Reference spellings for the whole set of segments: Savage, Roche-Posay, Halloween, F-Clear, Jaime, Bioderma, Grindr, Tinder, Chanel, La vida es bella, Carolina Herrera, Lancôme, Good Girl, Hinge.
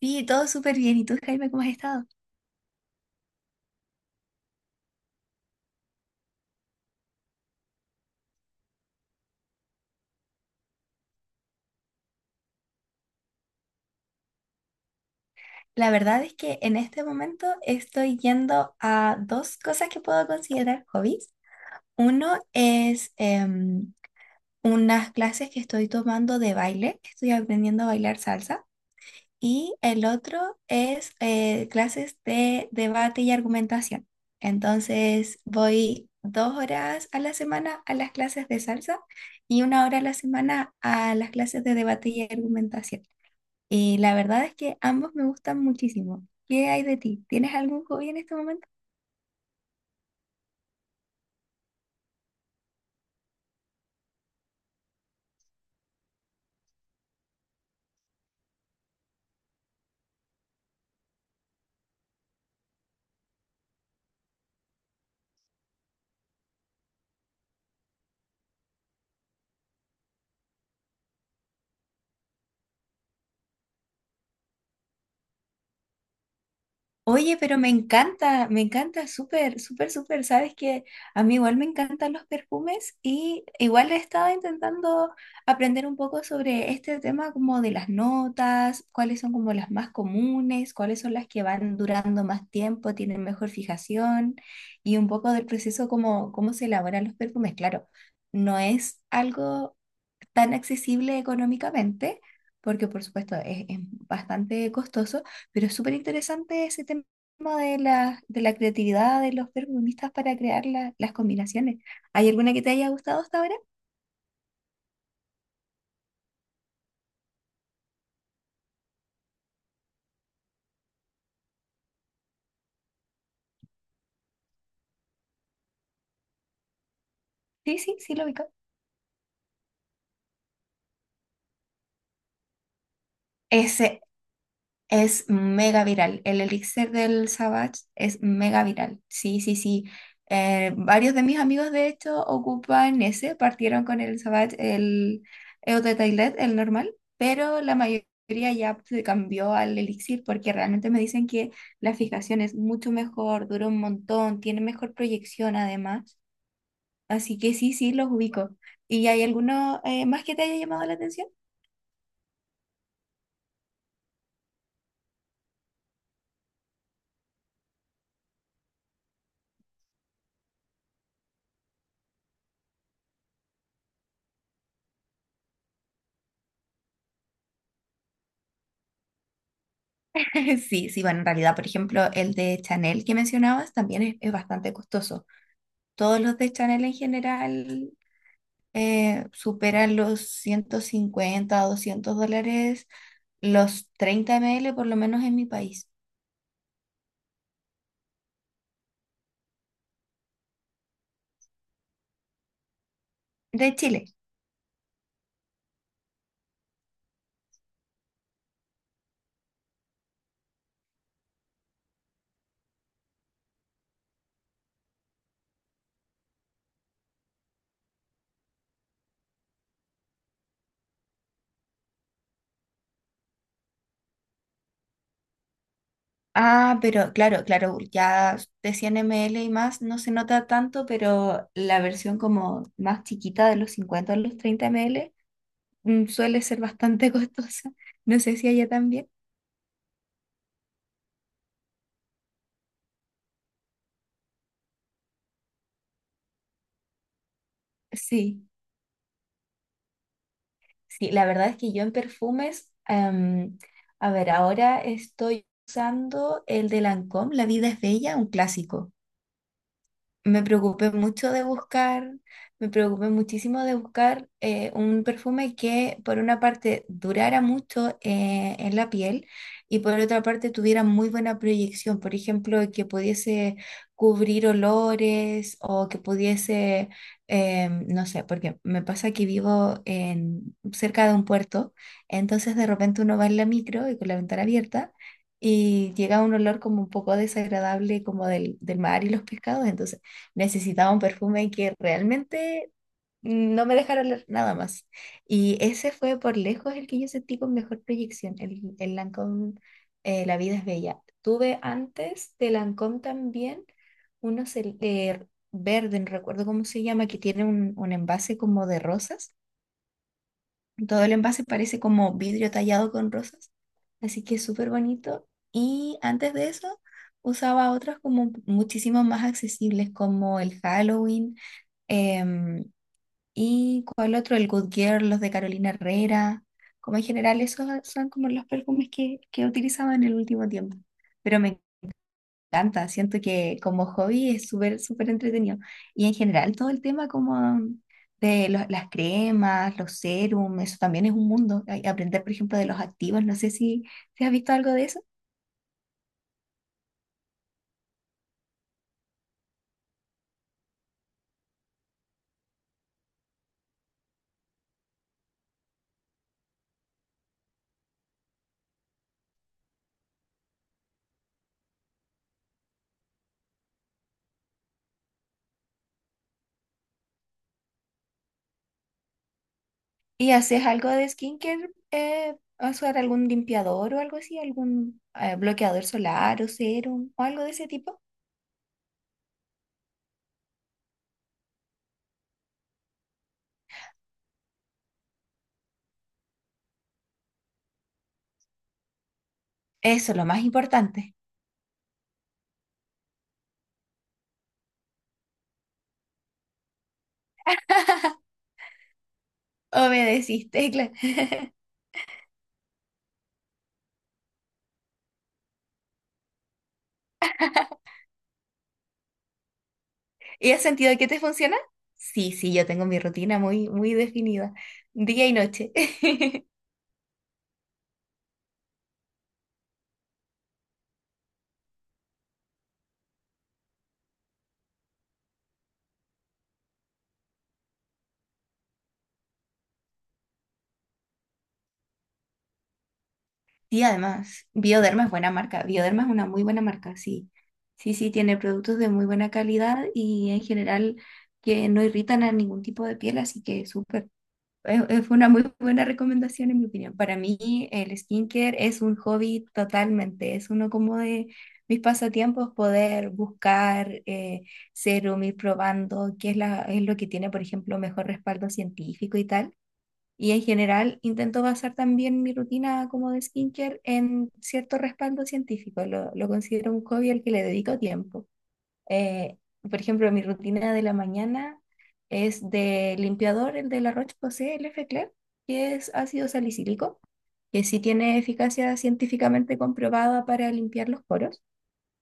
Sí, todo súper bien. ¿Y tú, Jaime, cómo has estado? La verdad es que en este momento estoy yendo a dos cosas que puedo considerar hobbies. Uno es unas clases que estoy tomando de baile. Estoy aprendiendo a bailar salsa. Y el otro es clases de debate y argumentación. Entonces voy 2 horas a la semana a las clases de salsa y 1 hora a la semana a las clases de debate y argumentación. Y la verdad es que ambos me gustan muchísimo. ¿Qué hay de ti? ¿Tienes algún hobby en este momento? Oye, pero me encanta, súper, súper, súper. Sabes que a mí igual me encantan los perfumes y igual he estado intentando aprender un poco sobre este tema como de las notas, cuáles son como las más comunes, cuáles son las que van durando más tiempo, tienen mejor fijación y un poco del proceso como cómo se elaboran los perfumes. Claro, no es algo tan accesible económicamente, porque por supuesto es bastante costoso, pero es súper interesante ese tema de la creatividad de los perfumistas para crear las combinaciones. ¿Hay alguna que te haya gustado hasta ahora? Sí, sí, sí, lo ubico. Ese, Es mega viral. El elixir del Savage es mega viral. Sí, sí, sí. Varios de mis amigos, de hecho, ocupan ese. Partieron con el Savage, el Eau de Toilette, el normal, pero la mayoría ya se cambió al elixir porque realmente me dicen que la fijación es mucho mejor, dura un montón, tiene mejor proyección además. Así que sí, sí, los ubico. ¿Y hay alguno más que te haya llamado la atención? Sí, sí, bueno, en realidad, por ejemplo, el de Chanel que mencionabas también es bastante costoso. Todos los de Chanel en general superan los 150 o $200, los 30 ml por lo menos en mi país, de Chile. Ah, pero claro, claro, ya de 100 ml y más no se nota tanto, pero la versión como más chiquita de los 50 o los 30 ml suele ser bastante costosa. No sé si allá también. Sí. Sí, la verdad es que yo en perfumes, a ver, ahora estoy usando el de Lancôme, La vida es bella, un clásico. Me preocupé mucho de buscar, me preocupé muchísimo de buscar un perfume que por una parte durara mucho en la piel y por otra parte tuviera muy buena proyección, por ejemplo, que pudiese cubrir olores o que pudiese, no sé, porque me pasa que vivo cerca de un puerto, entonces de repente uno va en la micro y con la ventana abierta. Y llega un olor como un poco desagradable como del mar y los pescados, entonces necesitaba un perfume que realmente no me dejara oler nada más. Y ese fue por lejos el que yo sentí con mejor proyección, el Lancôme La vida es bella. Tuve antes de Lancôme también unos verde, no recuerdo cómo se llama, que tiene un envase como de rosas. Todo el envase parece como vidrio tallado con rosas, así que es súper bonito. Y antes de eso usaba otros como muchísimo más accesibles, como el Halloween. Em, ¿Y cuál otro? El Good Girl, los de Carolina Herrera. Como en general, esos son como los perfumes que he utilizado en el último tiempo. Pero me encanta, siento que como hobby es súper, súper entretenido. Y en general, todo el tema como de los- las cremas, los serums, eso también es un mundo. Ay, aprender, por ejemplo, de los activos, no sé si has visto algo de eso. ¿Y haces algo de skincare? ¿Usar algún limpiador o algo así? ¿Algún bloqueador solar o serum o algo de ese tipo? Eso es lo más importante. Obedeciste, claro. ¿Y has sentido que te funciona? Sí, sí, yo tengo mi rutina muy, muy definida, día y noche. Y además, Bioderma es buena marca. Bioderma es una muy buena marca, sí. Sí, sí, tiene productos de muy buena calidad y en general que no irritan a ningún tipo de piel, así que súper. Es una muy buena recomendación en mi opinión. Para mí el skincare es un hobby totalmente, es uno como de mis pasatiempos poder buscar serum, ir probando qué es, es lo que tiene, por ejemplo, mejor respaldo científico y tal. Y en general intento basar también mi rutina como de skincare en cierto respaldo científico. Lo considero un hobby al que le dedico tiempo. Eh, por ejemplo, mi rutina de la mañana es de limpiador, el de la Roche-Posay, el F-Clear, que es ácido salicílico, que sí tiene eficacia científicamente comprobada para limpiar los poros.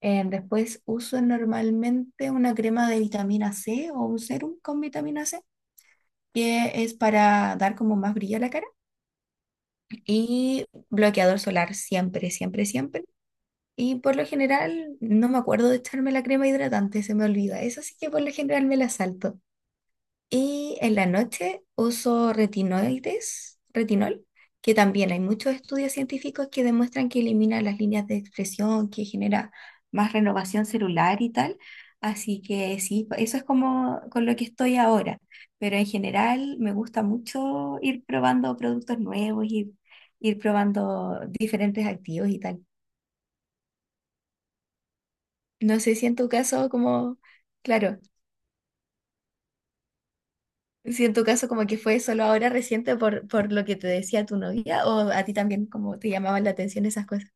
Después uso normalmente una crema de vitamina C o un serum con vitamina C, que es para dar como más brillo a la cara. Y bloqueador solar siempre, siempre, siempre. Y por lo general no me acuerdo de echarme la crema hidratante, se me olvida. Eso sí que por lo general me la salto. Y en la noche uso retinoides, retinol, que también hay muchos estudios científicos que demuestran que elimina las líneas de expresión, que genera más renovación celular y tal. Así que sí, pues, eso es como con lo que estoy ahora. Pero en general me gusta mucho ir probando productos nuevos, ir, ir probando diferentes activos y tal. No sé si en tu caso, como, claro. Si en tu caso como que fue solo ahora reciente por lo que te decía tu novia o a ti también como te llamaban la atención esas cosas.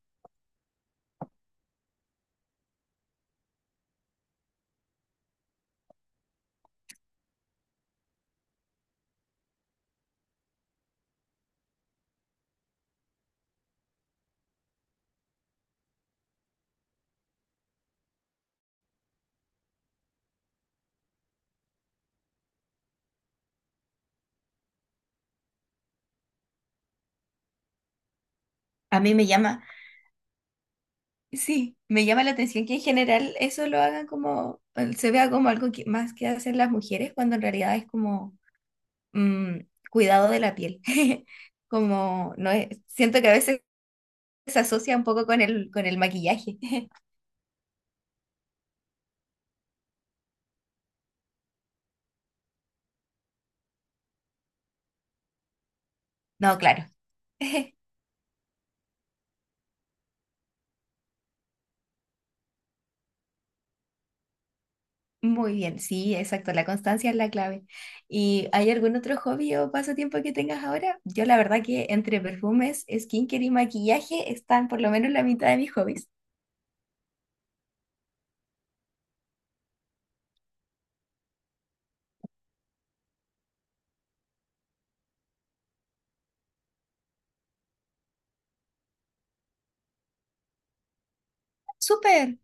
A mí me llama, sí, me llama la atención que en general eso lo hagan como, se vea como algo que, más que hacen las mujeres cuando en realidad es como mm, cuidado de la piel. Como, no es, siento que a veces se asocia un poco con el maquillaje. No, claro. Muy bien, sí, exacto, la constancia es la clave. ¿Y hay algún otro hobby o pasatiempo que tengas ahora? Yo la verdad que entre perfumes, skincare y maquillaje están por lo menos la mitad de mis hobbies. Súper,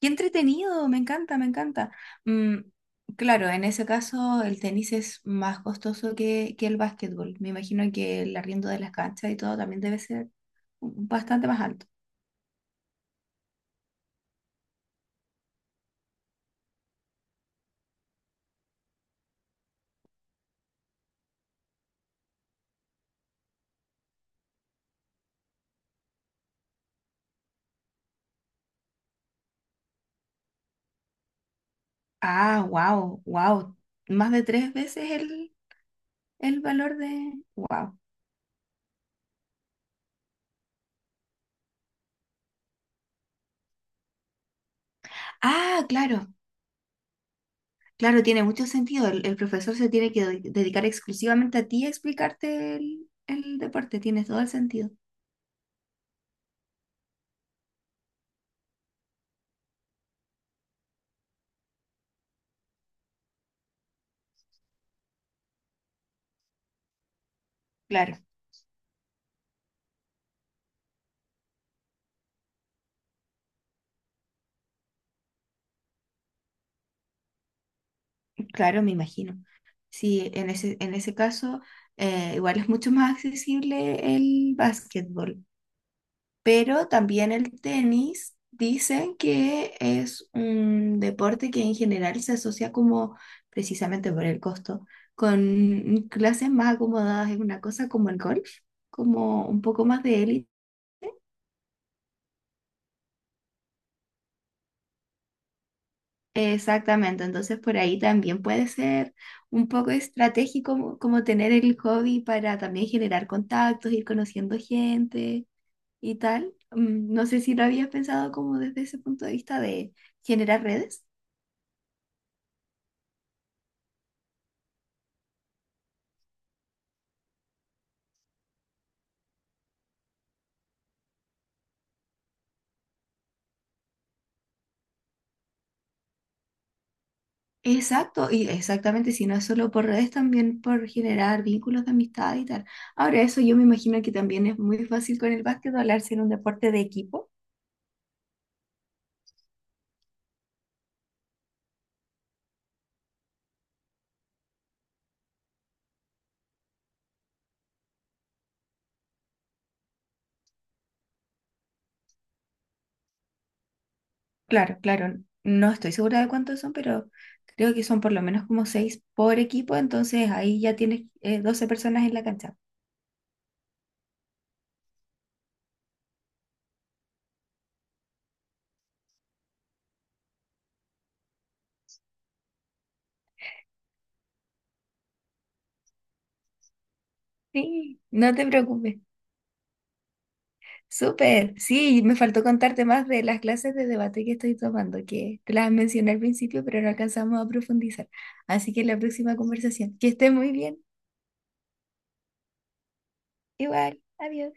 qué entretenido, me encanta, me encanta. Mm, claro, en ese caso el tenis es más costoso que el básquetbol. Me imagino que el arriendo de las canchas y todo también debe ser bastante más alto. Ah, wow, wow, más de tres veces el valor de... Wow. Ah, claro, claro, tiene mucho sentido. El profesor se tiene que dedicar exclusivamente a ti a explicarte el deporte, tiene todo el sentido. Claro, claro, me imagino. Sí, en ese caso, igual es mucho más accesible el básquetbol. Pero también el tenis dicen que es un deporte que en general se asocia como, precisamente por el costo, con clases más acomodadas. Es una cosa como el golf, como un poco más de élite. Exactamente, entonces por ahí también puede ser un poco estratégico como, como tener el hobby para también generar contactos, ir conociendo gente y tal. No sé si lo habías pensado como desde ese punto de vista de generar redes. Exacto, y exactamente, si no es solo por redes, también por generar vínculos de amistad y tal. Ahora, eso yo me imagino que también es muy fácil con el básquet hablarse en un deporte de equipo. Claro, claro, no estoy segura de cuántos son, pero creo que son por lo menos como seis por equipo, entonces ahí ya tienes 12 personas en la cancha. Sí, no te preocupes. Súper, sí, me faltó contarte más de las clases de debate que estoy tomando, que te las mencioné al principio, pero no alcanzamos a profundizar. Así que la próxima conversación, que estés muy bien. Igual, adiós.